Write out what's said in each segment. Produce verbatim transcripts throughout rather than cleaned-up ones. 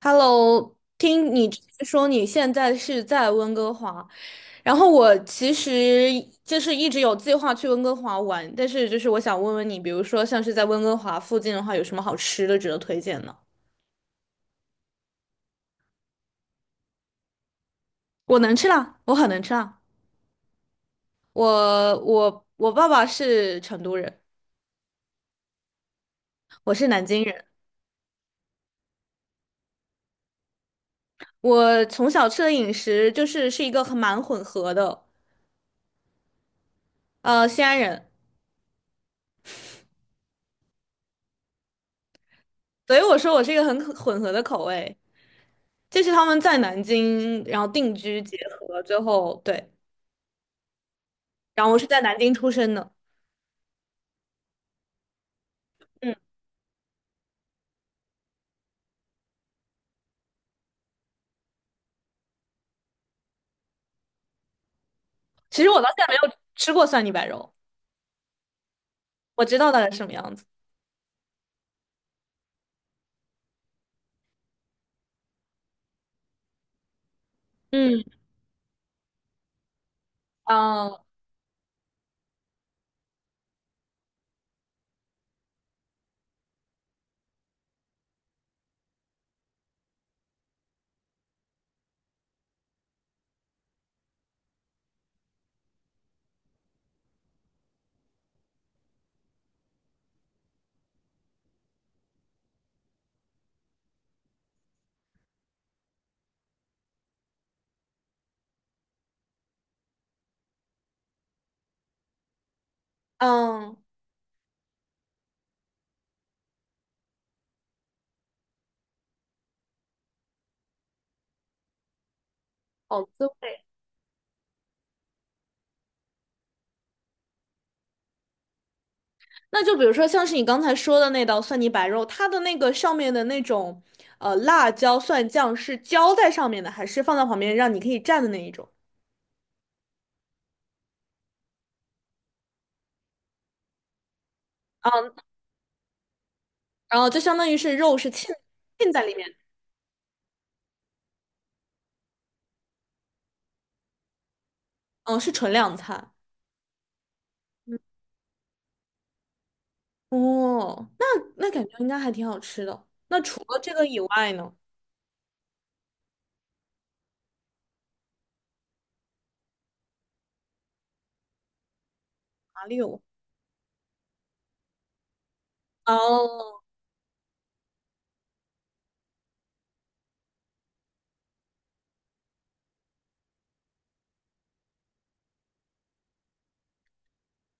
Hello，听你之前说你现在是在温哥华，然后我其实就是一直有计划去温哥华玩，但是就是我想问问你，比如说像是在温哥华附近的话，有什么好吃的值得推荐呢？我能吃辣，我很能吃辣。我我我爸爸是成都人，我是南京人，我从小吃的饮食就是是一个很蛮混合的，呃，西安人，所以我说我是一个很混合的口味。这是他们在南京，然后定居结合最后，对，然后我是在南京出生的。嗯，其实我到现在没有吃过蒜泥白肉，我知道大概是什么样子。嗯，嗯嗯，好滋味。那就比如说，像是你刚才说的那道蒜泥白肉，它的那个上面的那种呃辣椒蒜酱是浇在上面的，还是放在旁边让你可以蘸的那一种？嗯，然后就相当于是肉是浸浸在里面，嗯，是纯凉菜。哦，那那感觉应该还挺好吃的。那除了这个以外呢？哪里有？哦，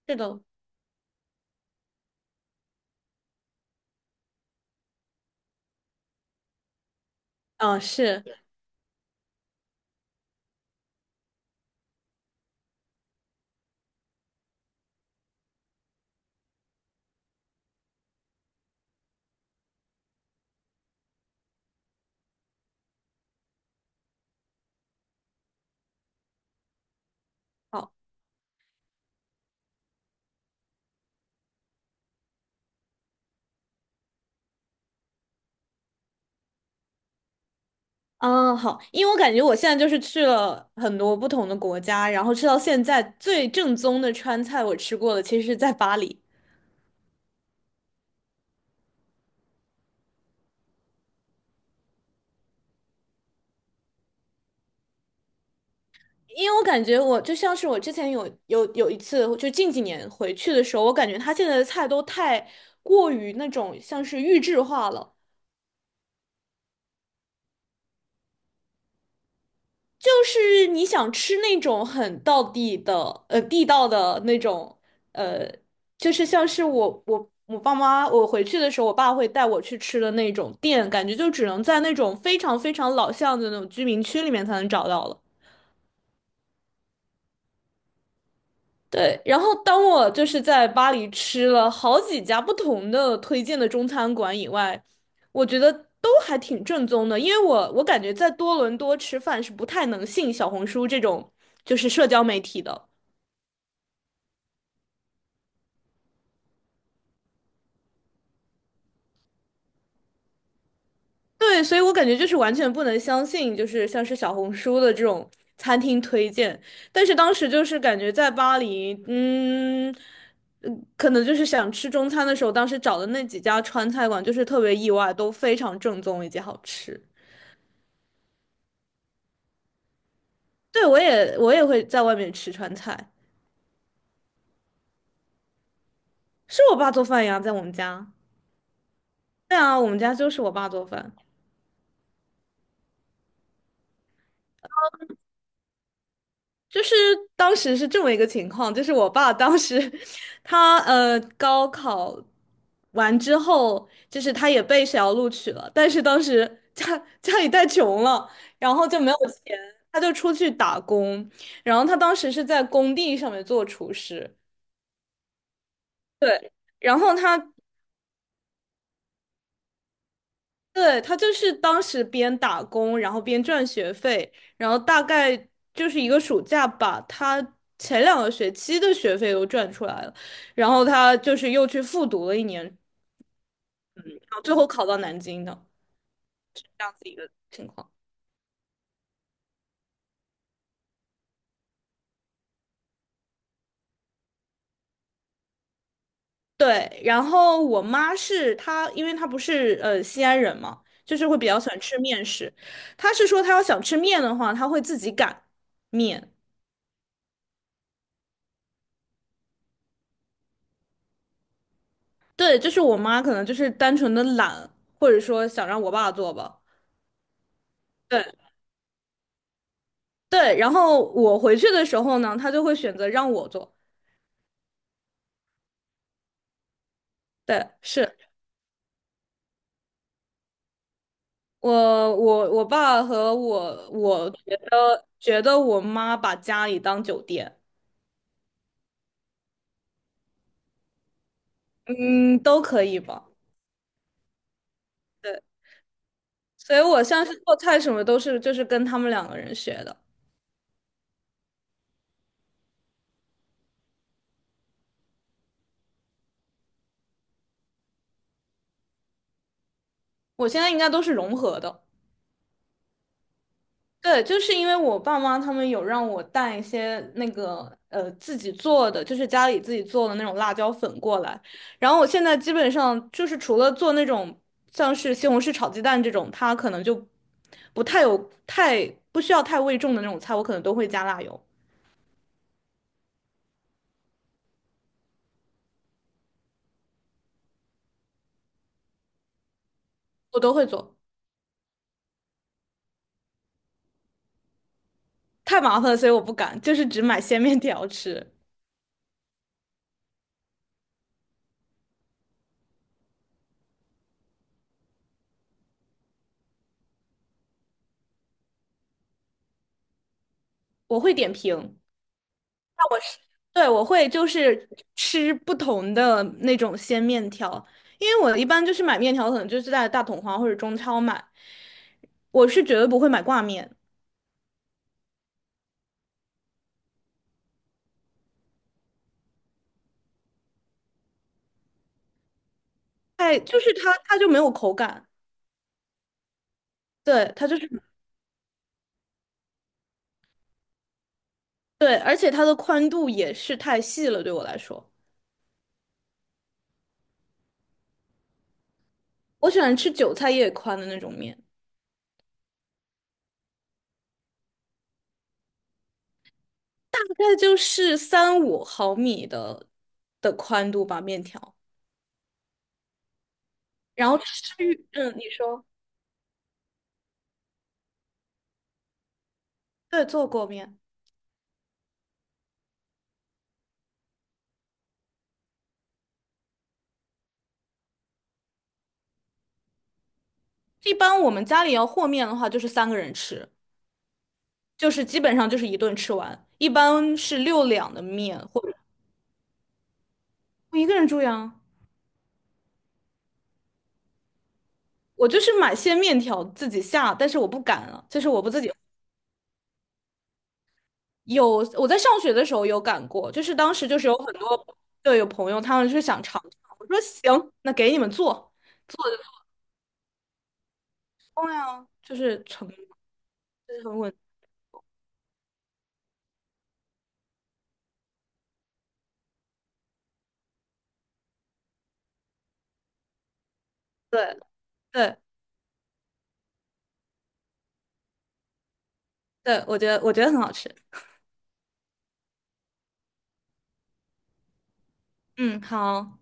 是的，啊，是，好，啊，好，因为我感觉我现在就是去了很多不同的国家，然后吃到现在最正宗的川菜，我吃过的其实是在巴黎。因为我感觉我就像是我之前有有有一次，就近几年回去的时候，我感觉他现在的菜都太过于那种像是预制化了。就是你想吃那种很道地的，呃，地道的那种，呃，就是像是我我我爸妈，我回去的时候，我爸会带我去吃的那种店，感觉就只能在那种非常非常老巷子的那种居民区里面才能找到了。对，然后当我就是在巴黎吃了好几家不同的推荐的中餐馆以外，我觉得都还挺正宗的，因为我我感觉在多伦多吃饭是不太能信小红书这种就是社交媒体的。对，所以我感觉就是完全不能相信，就是像是小红书的这种餐厅推荐。但是当时就是感觉在巴黎，嗯，嗯可能就是想吃中餐的时候，当时找的那几家川菜馆就是特别意外，都非常正宗以及好吃。对，我也我也会在外面吃川菜，是我爸做饭呀，在我们家。对啊，我们家就是我爸做饭。就是当时是这么一个情况，就是我爸当时 他呃高考完之后，就是他也被学校录取了，但是当时家家里太穷了，然后就没有钱，他就出去打工，然后他当时是在工地上面做厨师，对，然后他对，他就是当时边打工，然后边赚学费，然后大概就是一个暑假吧，他前两个学期的学费都赚出来了，然后他就是又去复读了一年，然后最后考到南京的这样子一个情况。对，然后我妈是她，因为她不是呃西安人嘛，就是会比较喜欢吃面食。她是说她要想吃面的话，她会自己擀面。对，就是我妈可能就是单纯的懒，或者说想让我爸做吧。对。对，然后我回去的时候呢，他就会选择让我做。对，是我我我爸和我，我觉得觉得我妈把家里当酒店，嗯，都可以吧。对，所以我像是做菜什么都是就是跟他们两个人学的，我现在应该都是融合的。对，就是因为我爸妈他们有让我带一些那个呃自己做的，就是家里自己做的那种辣椒粉过来。然后我现在基本上就是除了做那种像是西红柿炒鸡蛋这种，它可能就不太有太不需要太味重的那种菜，我可能都会加辣油，我都会做。太麻烦了，所以我不敢，就是只买 鲜面条吃。我会点评。对，我会就是吃不同的那种鲜面条，因为我一般就是买面条，可能就是在大统华或者中超买，我是绝对不会买挂面，太就是它它就没有口感，对，它就是对，而且它的宽度也是太细了，对我来说，我喜欢吃韭菜叶宽的那种面，大概就是三五毫米的的宽度吧，面条，然后吃，嗯，你说，对，做过面，一般我们家里要和面的话，就是三个人吃。就是基本上就是一顿吃完，一般是六两的面，或者 我一个人住呀。我就是买些面条自己下，但是我不敢了，就是我不自己 有。我在上学的时候有擀过，就是当时就是有很多对有朋友他们是想尝尝，我说行，那给你们做，做的重呀就是成就是很稳，对对对，我觉得我觉得很好吃，嗯，好。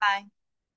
拜。